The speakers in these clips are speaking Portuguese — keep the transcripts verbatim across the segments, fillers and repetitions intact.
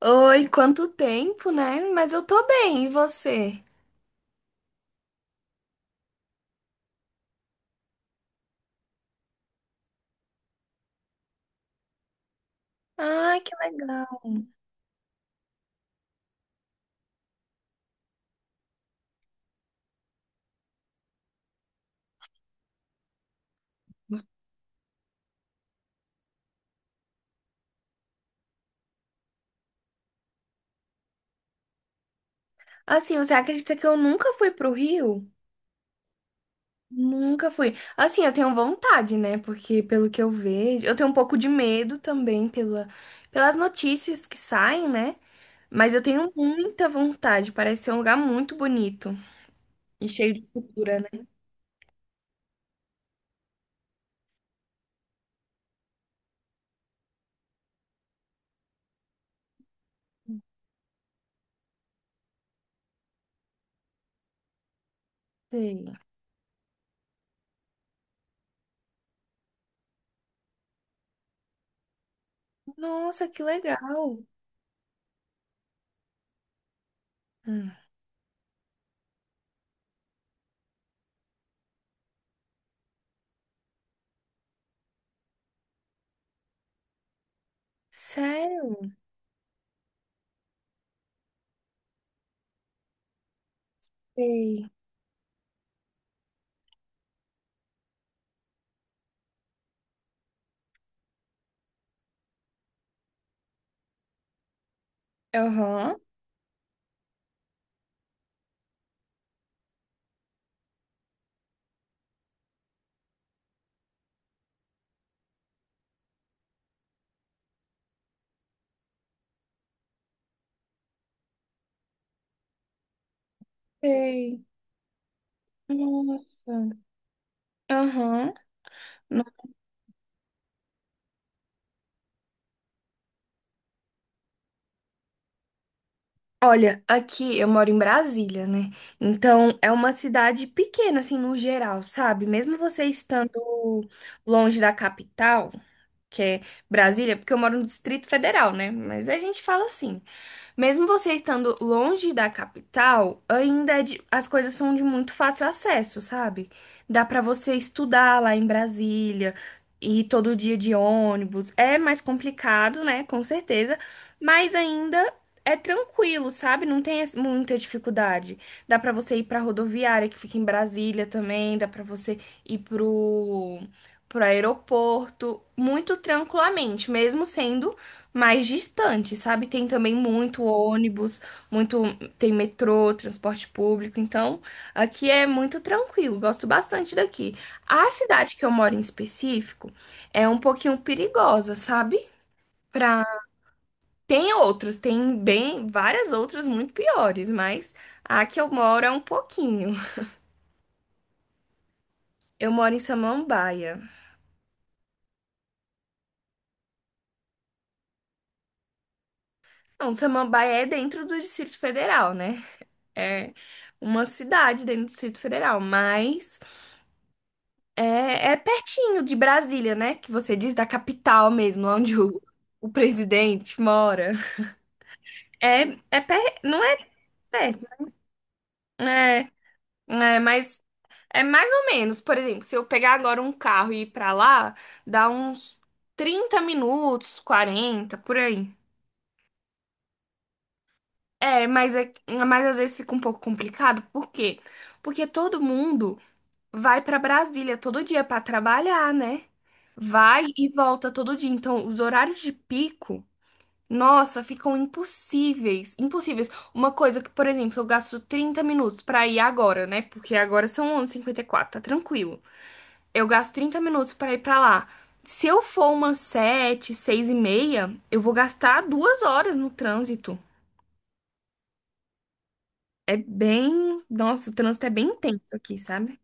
Oi, quanto tempo, né? Mas eu tô bem, e você? Ah, que legal. Assim, você acredita que eu nunca fui pro Rio? Nunca fui. Assim, eu tenho vontade, né? Porque pelo que eu vejo, eu tenho um pouco de medo também pela, pelas notícias que saem, né? Mas eu tenho muita vontade. Parece ser um lugar muito bonito e cheio de cultura, né? Sei. Nossa, que legal. Hum. Sério? Sei. Aham. Sei. Nossa. Aham. No- Olha, aqui eu moro em Brasília, né? Então é uma cidade pequena, assim, no geral, sabe? Mesmo você estando longe da capital, que é Brasília, porque eu moro no Distrito Federal, né? Mas a gente fala assim. Mesmo você estando longe da capital, ainda é de- as coisas são de muito fácil acesso, sabe? Dá pra você estudar lá em Brasília, ir todo dia de ônibus. É mais complicado, né? Com certeza, mas ainda é tranquilo, sabe? Não tem es- muita dificuldade. Dá pra você ir pra rodoviária que fica em Brasília também, dá pra você ir pro pro aeroporto muito tranquilamente, mesmo sendo mais distante, sabe? Tem também muito ônibus, muito tem metrô, transporte público. Então, aqui é muito tranquilo. Gosto bastante daqui. A cidade que eu moro em específico é um pouquinho perigosa, sabe? Pra... Tem outras, tem bem várias outras muito piores, mas a que eu moro é um pouquinho. Eu moro em Samambaia. Não, Samambaia é dentro do Distrito Federal, né? É uma cidade dentro do Distrito Federal, mas É, é pertinho de Brasília, né? Que você diz da capital mesmo, lá onde o, o presidente mora. É, é per... não é perto, é, é, mas é mais ou menos. Por exemplo, se eu pegar agora um carro e ir pra lá, dá uns trinta minutos, quarenta por aí. É, mas, é, mas às vezes fica um pouco complicado. Por quê? Porque todo mundo vai pra Brasília todo dia pra trabalhar, né? Vai e volta todo dia. Então, os horários de pico. Nossa, ficam impossíveis, impossíveis. Uma coisa que, por exemplo, eu gasto trinta minutos pra ir agora, né? Porque agora são onze e cinquenta e quatro, tá tranquilo. Eu gasto trinta minutos pra ir pra lá. Se eu for umas sete, seis e meia, eu vou gastar duas horas no trânsito. É bem... Nossa, o trânsito é bem intenso aqui, sabe?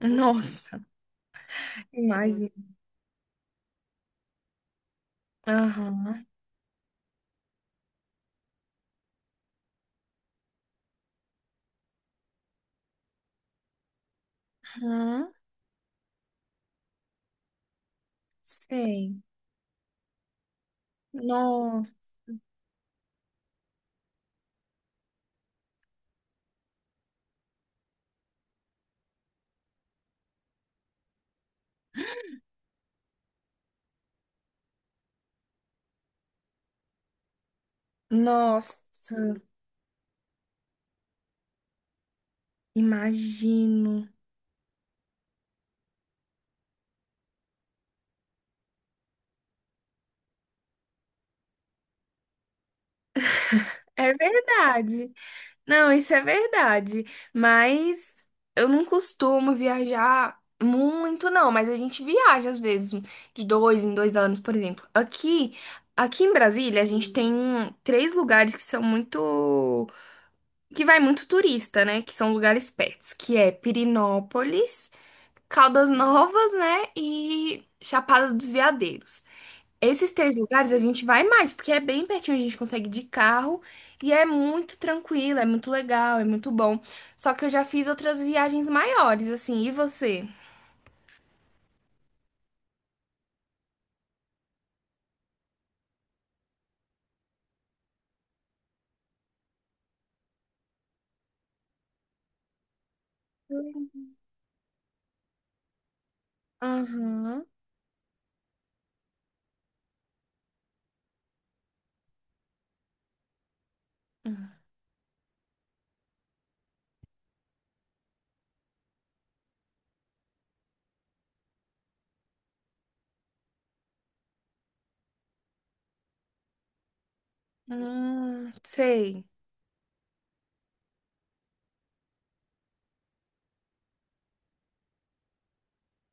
Nossa, imagina. Aham, aham, sei. Nossa, nossa, imagino. É verdade. Não, isso é verdade. Mas eu não costumo viajar muito, não. Mas a gente viaja às vezes, de dois em dois anos, por exemplo. Aqui, aqui em Brasília, a gente tem três lugares que são muito, que vai muito turista, né? Que são lugares pertos, que é Pirinópolis, Caldas Novas, né? E Chapada dos Veadeiros. Esses três lugares a gente vai mais, porque é bem pertinho, a gente consegue de carro e é muito tranquilo, é muito legal, é muito bom. Só que eu já fiz outras viagens maiores, assim, e você? Aham. Hum, Hum, sei.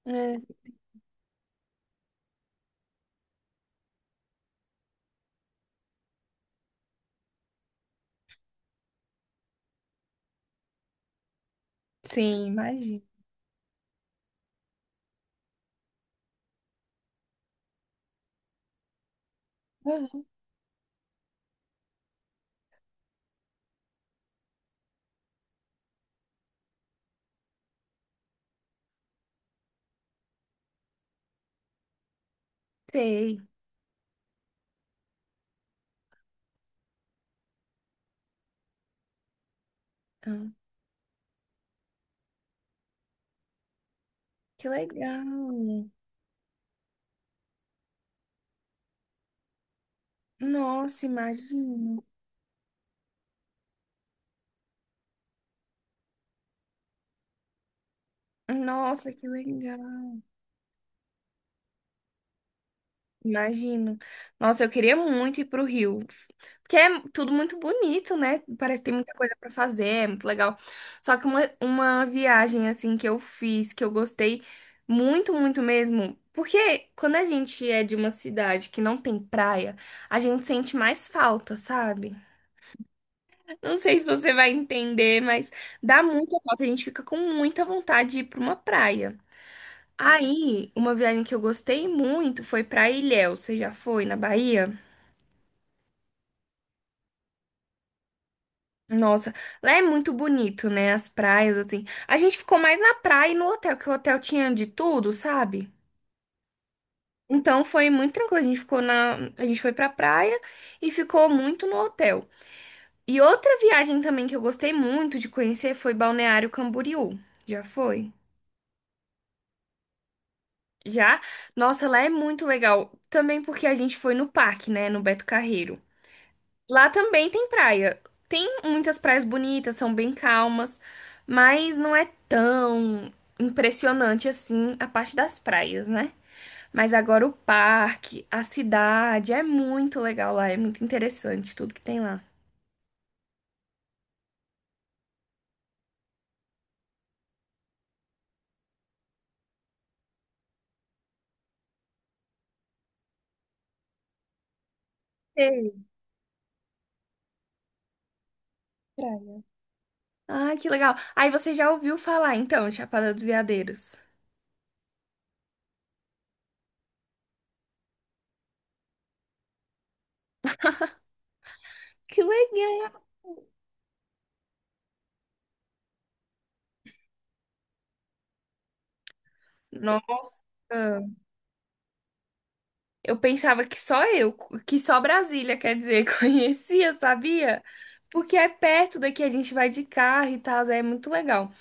É, sim, imagino. Aham. Sei. Ah, que legal. Nossa, imagino. Nossa, que legal. Imagino. Nossa, eu queria muito ir pro Rio. Porque é tudo muito bonito, né? Parece que tem muita coisa pra fazer, é muito legal. Só que uma, uma viagem, assim, que eu fiz, que eu gostei muito, muito mesmo. Porque quando a gente é de uma cidade que não tem praia, a gente sente mais falta, sabe? Não sei se você vai entender, mas dá muita falta. A gente fica com muita vontade de ir pra uma praia. Aí, uma viagem que eu gostei muito foi pra Ilhéus. Você já foi na Bahia? Nossa, lá é muito bonito, né? As praias, assim. A gente ficou mais na praia e no hotel, que o hotel tinha de tudo, sabe? Então foi muito tranquilo. A gente ficou na. A gente foi pra praia e ficou muito no hotel. E outra viagem também que eu gostei muito de conhecer foi Balneário Camboriú. Já foi? Já? Nossa, lá é muito legal. Também porque a gente foi no parque, né? No Beto Carreiro. Lá também tem praia. Tem muitas praias bonitas, são bem calmas, mas não é tão impressionante assim a parte das praias, né? Mas agora o parque, a cidade, é muito legal lá, é muito interessante tudo que tem lá. Ei, praia. Ah, que legal. Aí você já ouviu falar então, Chapada dos Veadeiros? Que legal. Nossa. Eu pensava que só eu, que só Brasília, quer dizer, conhecia, sabia? Porque é perto daqui, a gente vai de carro e tal, é muito legal.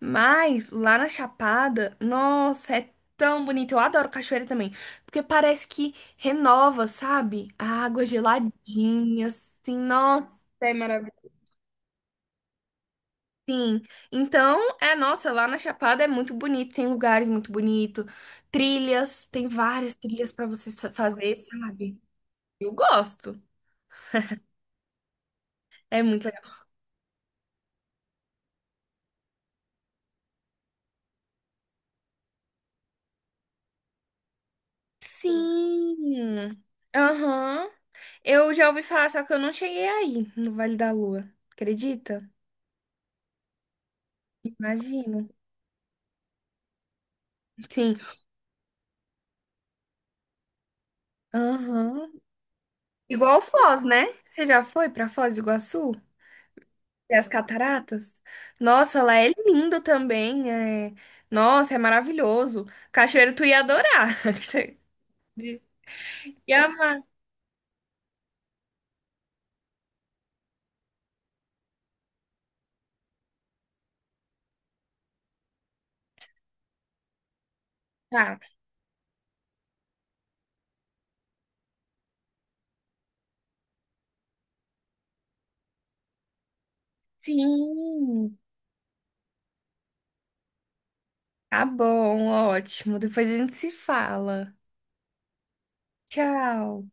Mas lá na Chapada, nossa, é tão bonito. Eu adoro cachoeira também, porque parece que renova, sabe? A água geladinha, assim, nossa, é maravilhoso. Então, é, nossa, lá na Chapada é muito bonito, tem lugares muito bonitos, trilhas, tem várias trilhas pra você sa- fazer, sabe? Eu gosto. É muito Sim. Aham. Eu já ouvi falar, só que eu não cheguei aí, no Vale da Lua. Acredita? Imagino. Sim. Aham. Igual Foz, né? Você já foi pra Foz do Iguaçu? E as cataratas? Nossa, lá é lindo também. É... Nossa, é maravilhoso. Cachoeiro, tu ia adorar. Você ia amar. Tá. Sim. Tá bom, ótimo. Depois a gente se fala. Tchau.